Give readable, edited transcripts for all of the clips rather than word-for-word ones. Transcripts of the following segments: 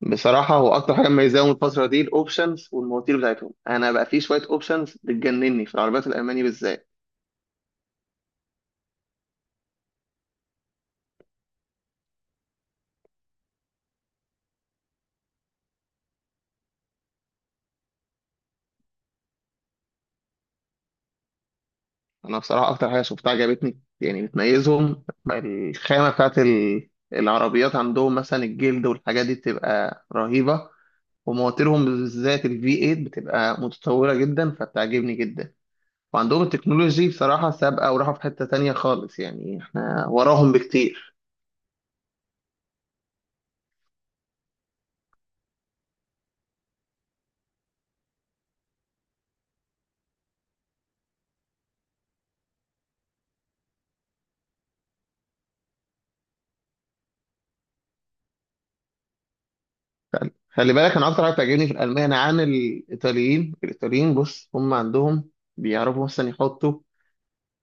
بصراحة هو أكتر حاجة مميزاهم الفترة دي الأوبشنز والمواتير بتاعتهم، أنا بقى في شوية أوبشنز بتجنني في العربيات الألماني بالذات. أنا بصراحة أكتر حاجة شفتها عجبتني يعني بتميزهم، الخامة بتاعت العربيات عندهم، مثلا الجلد والحاجات دي بتبقى رهيبة. ومواتيرهم بالذات ال V8 بتبقى متطورة جدا، فبتعجبني جدا. وعندهم التكنولوجي بصراحة سابقة وراحة في حتة تانية خالص، يعني إحنا وراهم بكتير. خلي بالك انا اكتر حاجه بتعجبني في الالمان عن الايطاليين، الايطاليين بص هم عندهم بيعرفوا مثلا يحطوا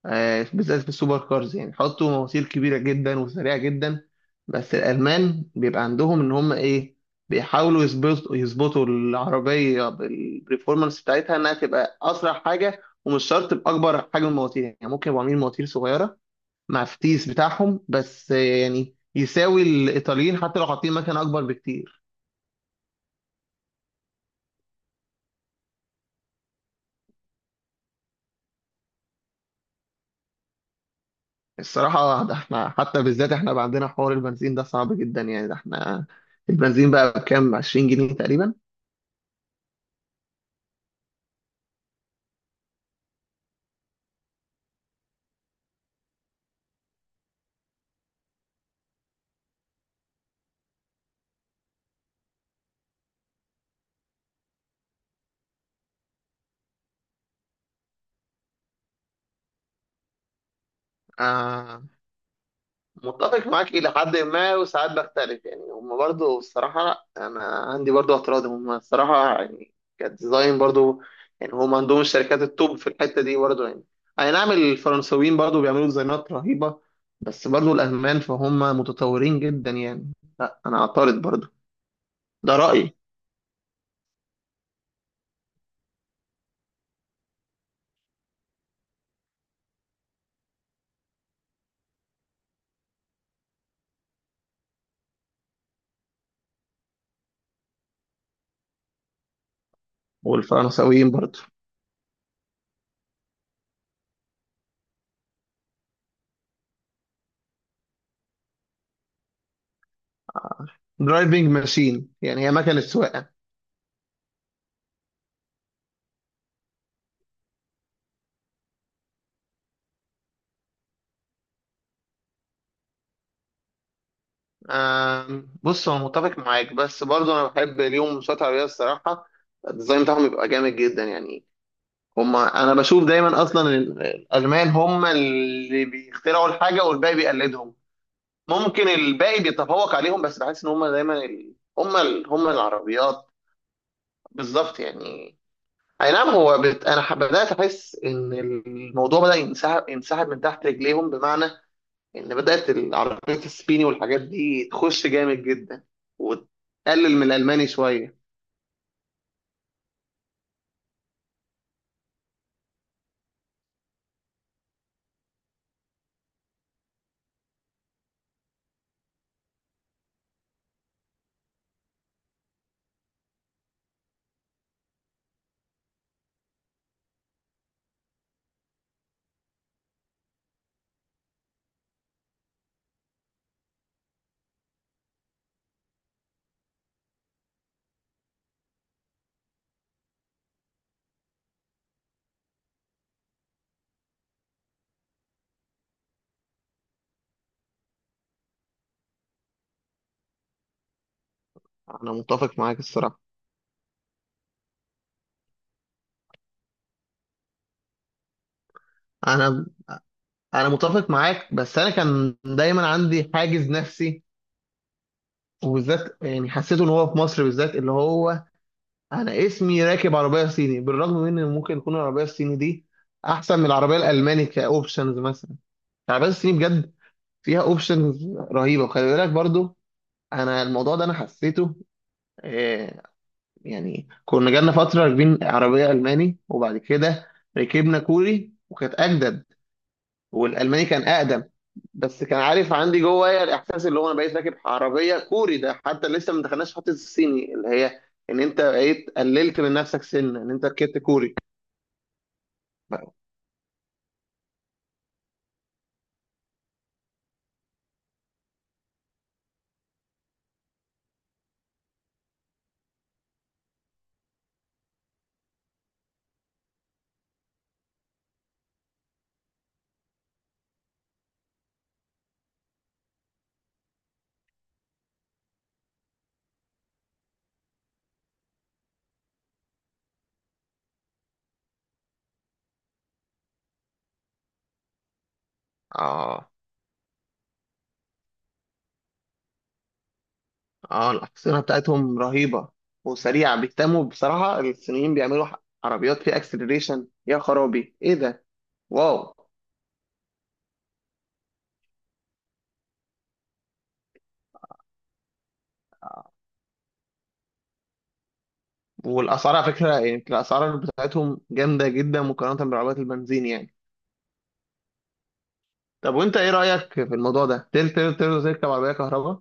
بالذات في السوبر كارز، يعني يحطوا مواسير كبيره جدا وسريعه جدا. بس الالمان بيبقى عندهم ان هم ايه، بيحاولوا يظبطوا العربيه بالبرفورمانس بتاعتها انها تبقى اسرع حاجه، ومش شرط باكبر حجم المواتير، يعني ممكن يبقوا عاملين مواتير صغيره مع الفتيس بتاعهم بس. يعني يساوي الايطاليين حتى لو حاطين مكنه اكبر بكتير. الصراحة ده احنا حتى بالذات احنا بقى عندنا حوار البنزين ده صعب جدا، يعني ده احنا البنزين بقى بكام؟ 20 جنيه تقريبا. آه متفق معاك إلى حد ما وساعات بختلف يعني. هم برضو الصراحة أنا عندي برضو اعتراض، هم الصراحة يعني كديزاين برضو، يعني هم عندهم الشركات التوب في الحتة دي برضو يعني. أي نعم، الفرنسويين برضو بيعملوا ديزاينات رهيبة، بس برضو الألمان فهم متطورين جدا يعني. لا، أنا أعترض برضو، ده رأيي. والفرنسويين برضو. درايفنج ماشين، يعني هي مكنة سواقة. بص أنا متفق معاك، بس برضه أنا بحب اليوم مسابقات العربية الصراحة. الديزاين بتاعهم بيبقى جامد جدا يعني. هما أنا بشوف دايما أصلا الألمان هما اللي بيخترعوا الحاجة والباقي بيقلدهم. ممكن الباقي بيتفوق عليهم، بس بحس إن هما دايما هما العربيات. بالظبط يعني. أي نعم هو أنا بدأت أحس إن الموضوع بدأ ينسحب من تحت رجليهم، بمعنى ان بدات العربيات الصيني والحاجات دي تخش جامد جدا وتقلل من الالماني شويه. انا متفق معاك الصراحه. انا انا متفق معاك، بس انا كان دايما عندي حاجز نفسي، وبالذات يعني حسيته ان هو في مصر بالذات اللي هو انا اسمي راكب عربيه صيني، بالرغم من ان ممكن يكون العربيه الصيني دي احسن من العربيه الالماني كاوبشنز مثلا. العربيه الصيني بجد فيها اوبشنز رهيبه. وخلي بالك برضو انا الموضوع ده انا حسيته. آه، يعني كنا جالنا فترة راكبين عربية ألماني، وبعد كده ركبنا كوري وكانت أجدد، والألماني كان أقدم. بس كان عارف عندي جوايا الإحساس اللي هو أنا بقيت راكب عربية كوري، ده حتى لسه ما دخلناش في حتة الصيني اللي هي إن أنت بقيت قللت من نفسك سن إن أنت ركبت كوري. آه. آه، الأحصنة بتاعتهم رهيبة وسريعة، بيهتموا بصراحة الصينيين، بيعملوا عربيات فيها أكسلريشن. يا خرابي إيه ده! واو! والاسعار على فكره يعني الاسعار بتاعتهم جامده جدا مقارنه بعربيات البنزين يعني. طب وانت ايه رايك في الموضوع ده؟ تقدر تركب عربيه كهرباء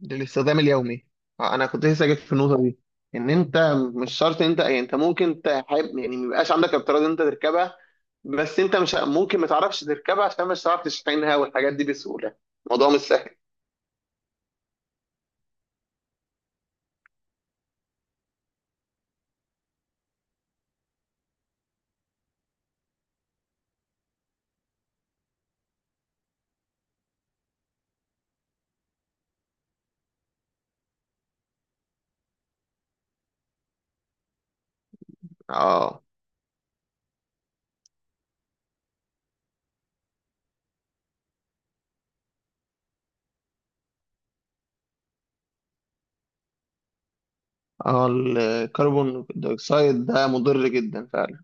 للاستخدام اليومي؟ انا كنت لسه جيت في النقطه دي، ان انت مش شرط انت، يعني انت ممكن تحب يعني ما يبقاش عندك اضطرار ان انت تركبها، بس انت مش ممكن ما تعرفش تركبها عشان مش هتعرف تشحنها والحاجات دي بسهوله، الموضوع مش سهل. اه. اه الكربون دايوكسيد ده مضر جدا فعلا.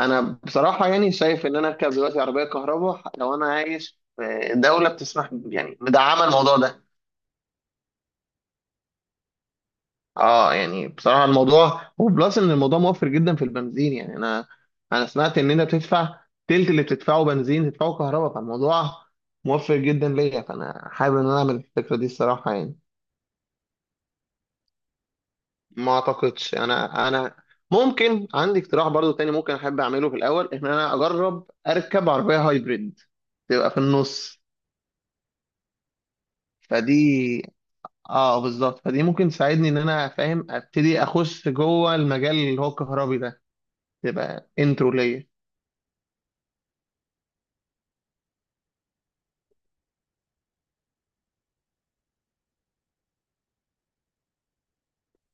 انا بصراحه يعني شايف ان انا اركب دلوقتي عربيه كهرباء لو انا عايش في دوله بتسمح يعني، مدعمه الموضوع ده. اه يعني بصراحه الموضوع وبلس ان الموضوع موفر جدا في البنزين، يعني انا سمعت ان انت بتدفع تلت اللي بتدفعه بنزين تدفعه كهرباء، فالموضوع موفر جدا ليا، فانا حابب ان انا اعمل الفكره دي الصراحه يعني. ما اعتقدش. انا ممكن عندي اقتراح برضو تاني، ممكن احب اعمله في الاول، ان انا اجرب اركب عربيه هايبريد تبقى في النص. فدي اه بالظبط، فدي ممكن تساعدني ان انا فاهم ابتدي اخش جوه المجال اللي هو الكهربي ده، تبقى انترو ليا.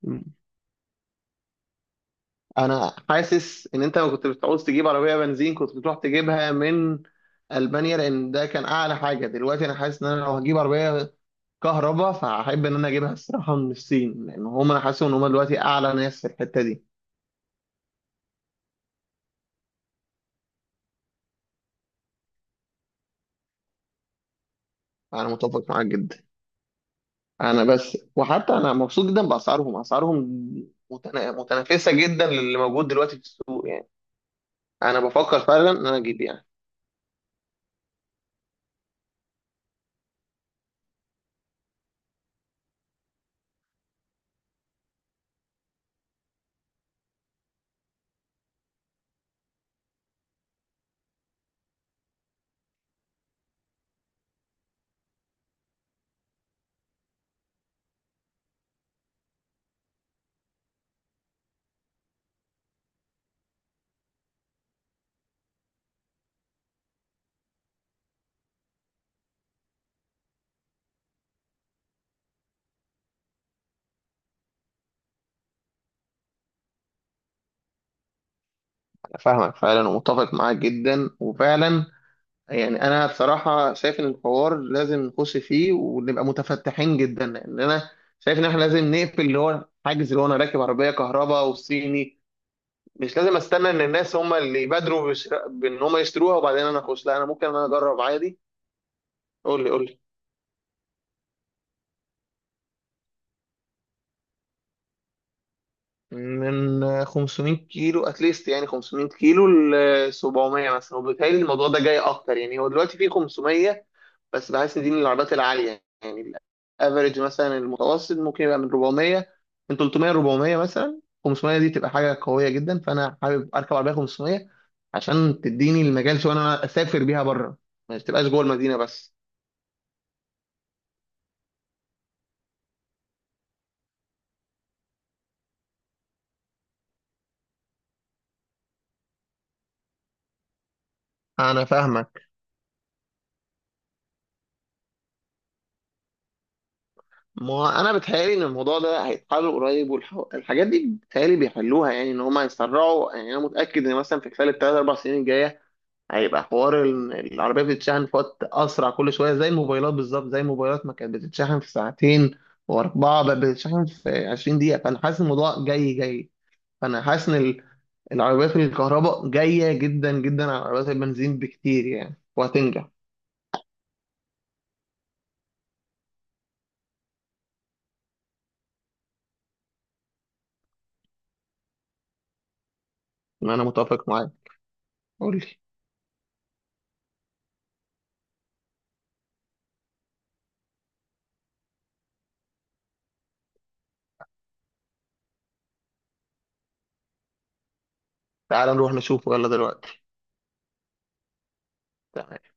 مم. انا حاسس ان انت لو كنت بتعوز تجيب عربيه بنزين كنت بتروح تجيبها من المانيا، لان ده كان اعلى حاجه. دلوقتي انا حاسس ان انا لو هجيب عربيه كهرباء فهحب ان انا اجيبها الصراحه من الصين، لان هم انا حاسس ان هم دلوقتي اعلى ناس في الحته دي. انا متفق معاك جدا. انا بس وحتى انا مبسوط جدا باسعارهم، اسعارهم متنافسه جدا للي موجود دلوقتي في السوق يعني. انا بفكر فعلا ان انا اجيب يعني. انا فاهمك فعلا ومتفق معاك جدا وفعلا. يعني انا بصراحه شايف ان الحوار لازم نخش فيه ونبقى متفتحين جدا، لان انا شايف ان احنا لازم نقفل اللي هو حاجز اللي هو انا راكب عربيه كهرباء وصيني. مش لازم استنى ان الناس هم اللي يبادروا بان هم يشتروها وبعدين انا اخش، لا انا ممكن انا اجرب عادي. قول لي قول لي. من 500 كيلو اتليست، يعني 500 كيلو ل 700 مثلا، وبالتالي الموضوع ده جاي اكتر. يعني هو دلوقتي في 500 بس، بحس دي من العربيات العالية يعني. الافريج مثلا المتوسط ممكن يبقى من 400، من 300 400 مثلا، 500 دي تبقى حاجة قوية جدا، فأنا حابب أركب عربية 500 عشان تديني المجال شوية إن أنا أسافر بيها بره، ما تبقاش جوه المدينة بس. أنا فاهمك. ما أنا بتهيألي إن الموضوع ده هيتحل قريب والحاجات دي بتهيألي بيحلوها، يعني إن هما يسرعوا. يعني أنا متأكد إن مثلا في خلال التلات أربع سنين الجاية هيبقى حوار العربية بتتشحن في وقت أسرع كل شوية، زي الموبايلات بالظبط، زي الموبايلات ما كانت بتتشحن في ساعتين وأربعة بقت بتتشحن في 20 دقيقة، فأنا حاسس الموضوع جاي جاي. فأنا حاسس إن العربيات الكهرباء جاية جدا جدا على عربيات البنزين بكتير يعني، وهتنجح. أنا متفق معاك. قول لي. تعال نروح نشوفه يلا دلوقتي. تمام.